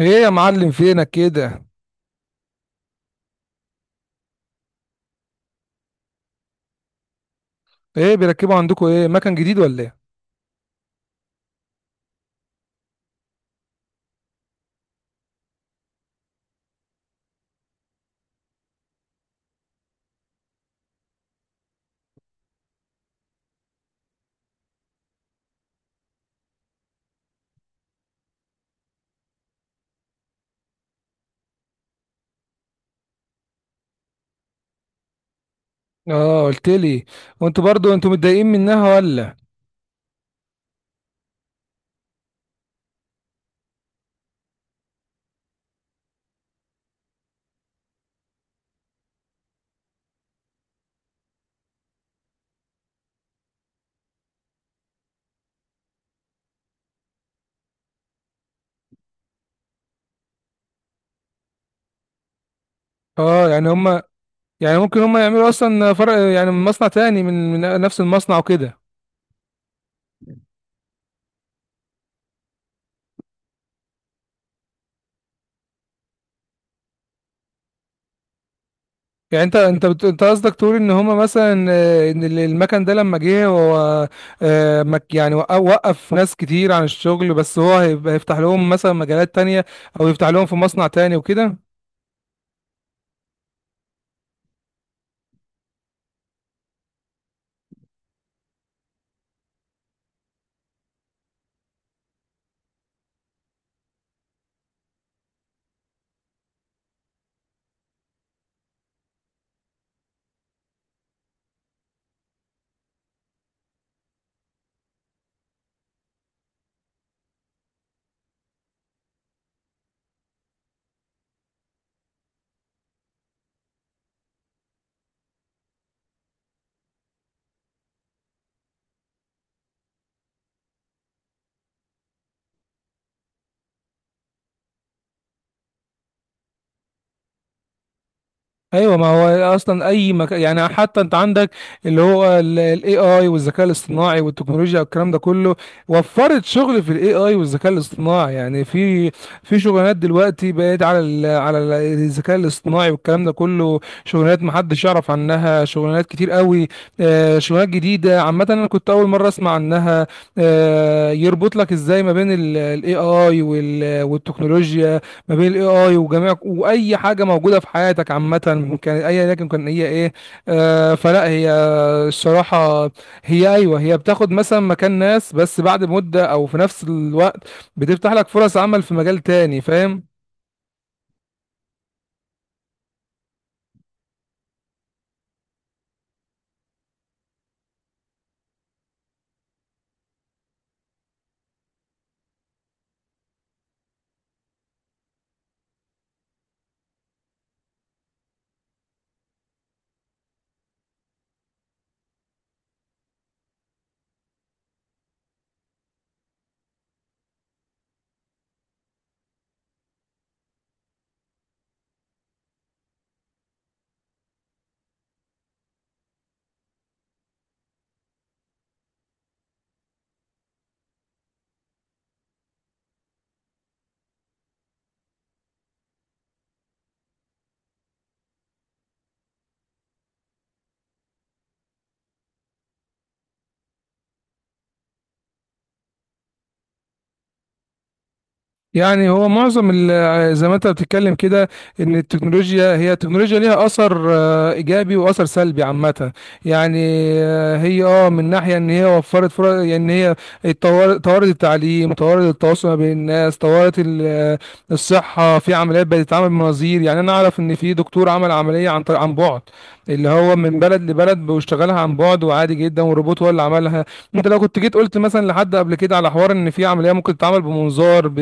ايه يا معلم، فينك كده؟ ايه بيركبوا عندكم؟ ايه، مكان جديد ولا ايه؟ اه، قلت لي. وانتوا برضو، انتوا متضايقين منها ولا؟ اه، يعني هم. يعني ممكن هم يعملوا اصلا فرق، يعني من مصنع تاني، من نفس المصنع وكده. يعني انت قصدك تقول ان هما مثلا ان المكن ده لما جه هو. يعني وقف ناس كتير عن الشغل، بس هو هيبقى هيفتح لهم مثلا مجالات تانية، او يفتح لهم في مصنع تاني وكده. ايوه، ما هو اصلا اي مكان، يعني حتى انت عندك اللي هو الاي اي والذكاء الاصطناعي والتكنولوجيا والكلام ده كله، وفرت شغل في الاي اي والذكاء الاصطناعي، يعني في شغلانات دلوقتي بقت على الذكاء الاصطناعي والكلام ده كله، شغلانات ما حدش يعرف عنها، شغلانات كتير قوي. شغلانات جديده عامه، انا كنت اول مره اسمع عنها. يربط لك ازاي ما بين الاي اي والتكنولوجيا، ما بين الاي اي وجميع، واي حاجه موجوده في حياتك عامه، كان اي لكن كان هي ايه. فلا هي، الصراحه، هي ايوه، هي بتاخد مثلا مكان ناس، بس بعد مده او في نفس الوقت بتفتح لك فرص عمل في مجال تاني، فاهم؟ يعني هو معظم زي ما انت بتتكلم كده، ان التكنولوجيا ليها اثر ايجابي واثر سلبي عامه. يعني هي من ناحيه ان هي وفرت فرص، يعني ان هي طورت التعليم، طورت التواصل ما بين الناس، طورت الصحه، في عمليات بقت تتعمل بمناظير. يعني انا اعرف ان في دكتور عمل عمليه عن بعد، اللي هو من بلد لبلد بيشتغلها عن بعد، وعادي جدا، والروبوت هو اللي عملها. انت لو كنت جيت قلت مثلا لحد قبل كده على حوار ان في عمليه ممكن تتعمل بمنظار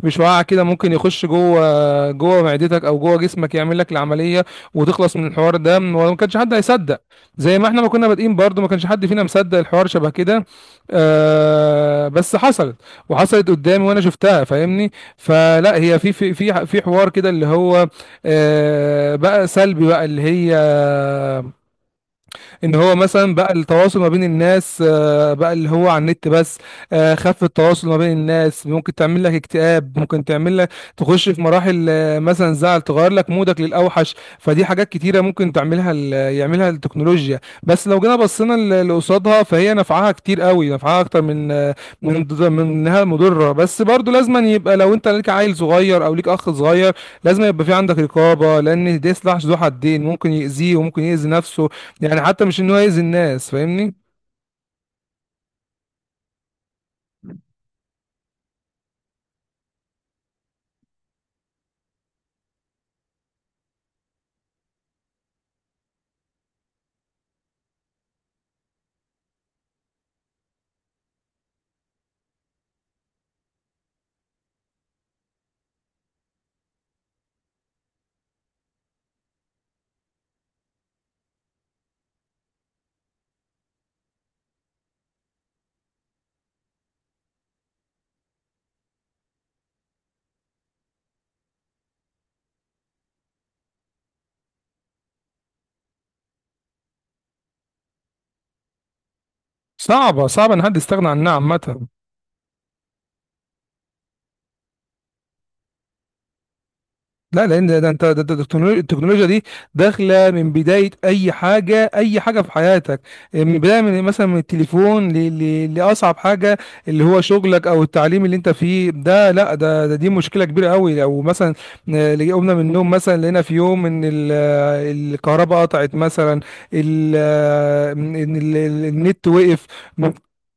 بشعاع كده، ممكن يخش جوه جوه معدتك او جوه جسمك، يعمل لك العمليه وتخلص من الحوار ده، وما كانش حد هيصدق. زي ما احنا ما كنا بادئين برضه، ما كانش حد فينا مصدق الحوار شبه كده. بس حصلت، وحصلت قدامي وانا شفتها، فاهمني؟ فلا هي في حوار كده اللي هو بقى سلبي، بقى اللي هي، ان هو مثلا بقى التواصل ما بين الناس، بقى اللي هو على النت بس. خف التواصل ما بين الناس، ممكن تعمل لك اكتئاب، ممكن تعمل لك تخش في مراحل مثلا زعل، تغير لك مودك للاوحش. فدي حاجات كتيره ممكن تعملها يعملها التكنولوجيا، بس لو جينا بصينا لقصادها، فهي نفعها كتير قوي، نفعها اكتر من من من انها مضره. بس برضو لازم يبقى، لو انت ليك عيل صغير او ليك اخ صغير، لازم يبقى في عندك رقابه، لان ده سلاح ذو حدين، ممكن يأذيه وممكن يأذي نفسه. يعني حتى مش ان هو يأذي الناس، فاهمني؟ صعبة صعبة ان حد يستغنى عنها عامة. لا، لان ده انت، ده التكنولوجيا دي داخله من بدايه اي حاجه، اي حاجه في حياتك. من بدايه، من مثلا من التليفون لاصعب حاجه، اللي هو شغلك او التعليم اللي انت فيه ده. لا، ده دي مشكله كبيره قوي، لو مثلا اللي قمنا من النوم مثلا، لقينا في يوم ان الكهرباء قطعت مثلا، ان النت وقف.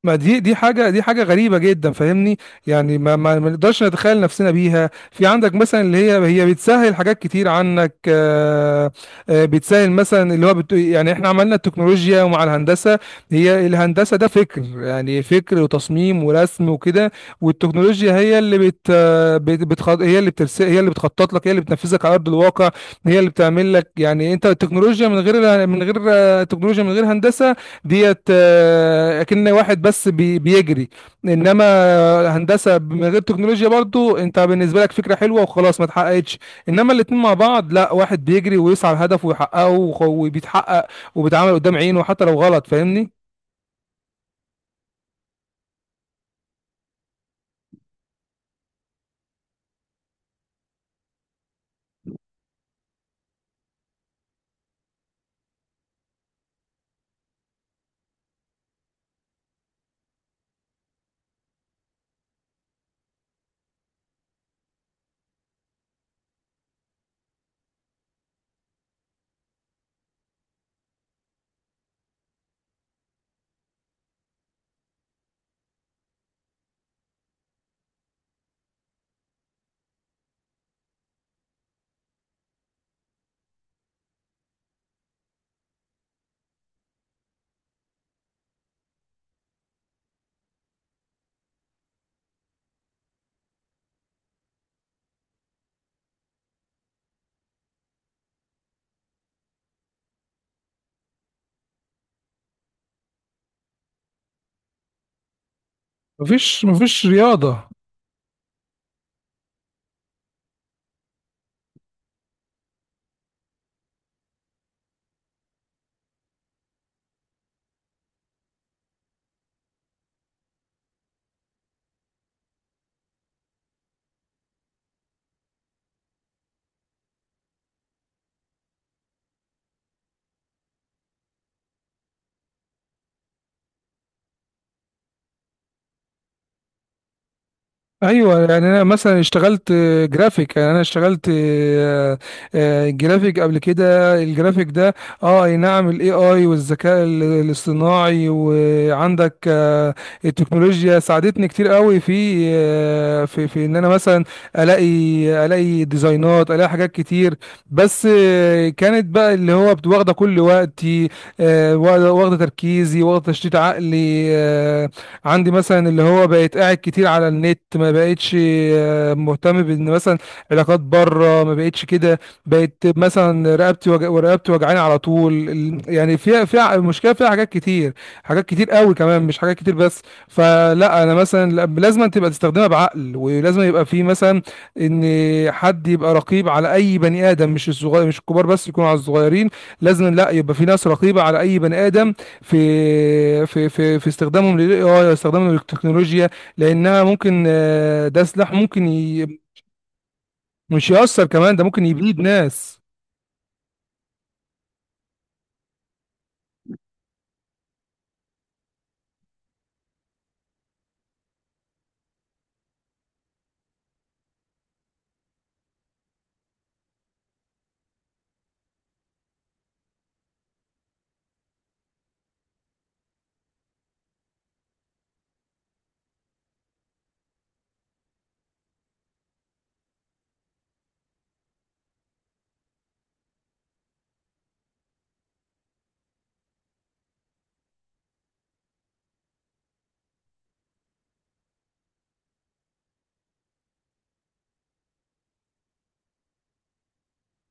ما دي حاجه، دي حاجه غريبه جدا، فاهمني؟ يعني ما نقدرش نتخيل نفسنا بيها. في عندك مثلا اللي هي بتسهل حاجات كتير عنك. بتسهل مثلا اللي هو يعني احنا عملنا التكنولوجيا ومع الهندسة. هي الهندسة ده فكر، يعني فكر وتصميم ورسم وكده، والتكنولوجيا هي اللي بت... آه، بت... بتخط... هي اللي هي اللي بتخطط لك، هي اللي بتنفذك على أرض الواقع، هي اللي بتعمل لك. يعني انت، التكنولوجيا من غير من غير تكنولوجيا من غير هندسة ديت، اكن واحد بس بيجري، انما هندسه من غير تكنولوجيا برضو انت بالنسبه لك فكره حلوه وخلاص، ما اتحققتش. انما الاتنين مع بعض، لا، واحد بيجري ويسعى لهدفه ويحققه وبيتحقق وبيتعامل قدام عينه حتى لو غلط، فاهمني؟ مفيش رياضة. ايوه، يعني انا مثلا اشتغلت جرافيك، يعني انا اشتغلت جرافيك قبل كده، الجرافيك ده اه اي نعم، الاي اي والذكاء الاصطناعي، وعندك التكنولوجيا ساعدتني كتير قوي في آه، في في ان انا مثلا الاقي، الاقي ديزاينات، الاقي حاجات كتير. بس كانت بقى اللي هو واخده كل وقتي، واخدة تركيزي، واخده تشتيت عقلي. عندي مثلا اللي هو بقيت قاعد كتير على النت، ما بقيتش مهتم بان مثلا علاقات بره، ما بقيتش كده. بقيت مثلا ورقبتي وجعاني على طول يعني فيها المشكله، فيها حاجات كتير، حاجات كتير قوي كمان، مش حاجات كتير بس. فلا انا مثلا لازم تبقى تستخدمها بعقل، ولازم يبقى في مثلا ان حد يبقى رقيب على اي بني ادم، مش الصغير مش الكبار بس، يكونوا على الصغيرين. لازم، لا، يبقى في ناس رقيبه على اي بني ادم في في في في استخدامهم للاي اي، استخدامهم للتكنولوجيا، لانها ممكن، ده سلاح ممكن مش يأثر كمان، ده ممكن يبيد ناس.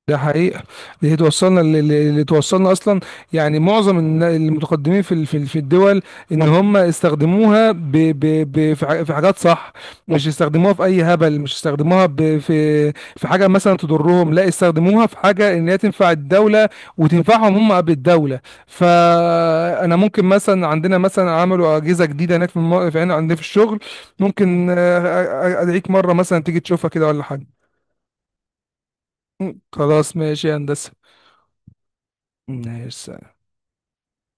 ده حقيقة. اللي توصلنا اصلا، يعني معظم المتقدمين في الدول ان هم استخدموها ب ب ب في حاجات صح، مش استخدموها في اي هبل، مش استخدموها ب في في حاجة مثلا تضرهم. لا، استخدموها في حاجة ان هي تنفع الدولة وتنفعهم هم بالدولة. فانا ممكن مثلا، عندنا مثلا عملوا اجهزة جديدة هناك في هنا عندنا في الشغل، ممكن ادعيك مرة مثلا تيجي تشوفها كده ولا حاجة. خلاص، ماشي يا هندسة. ماشي.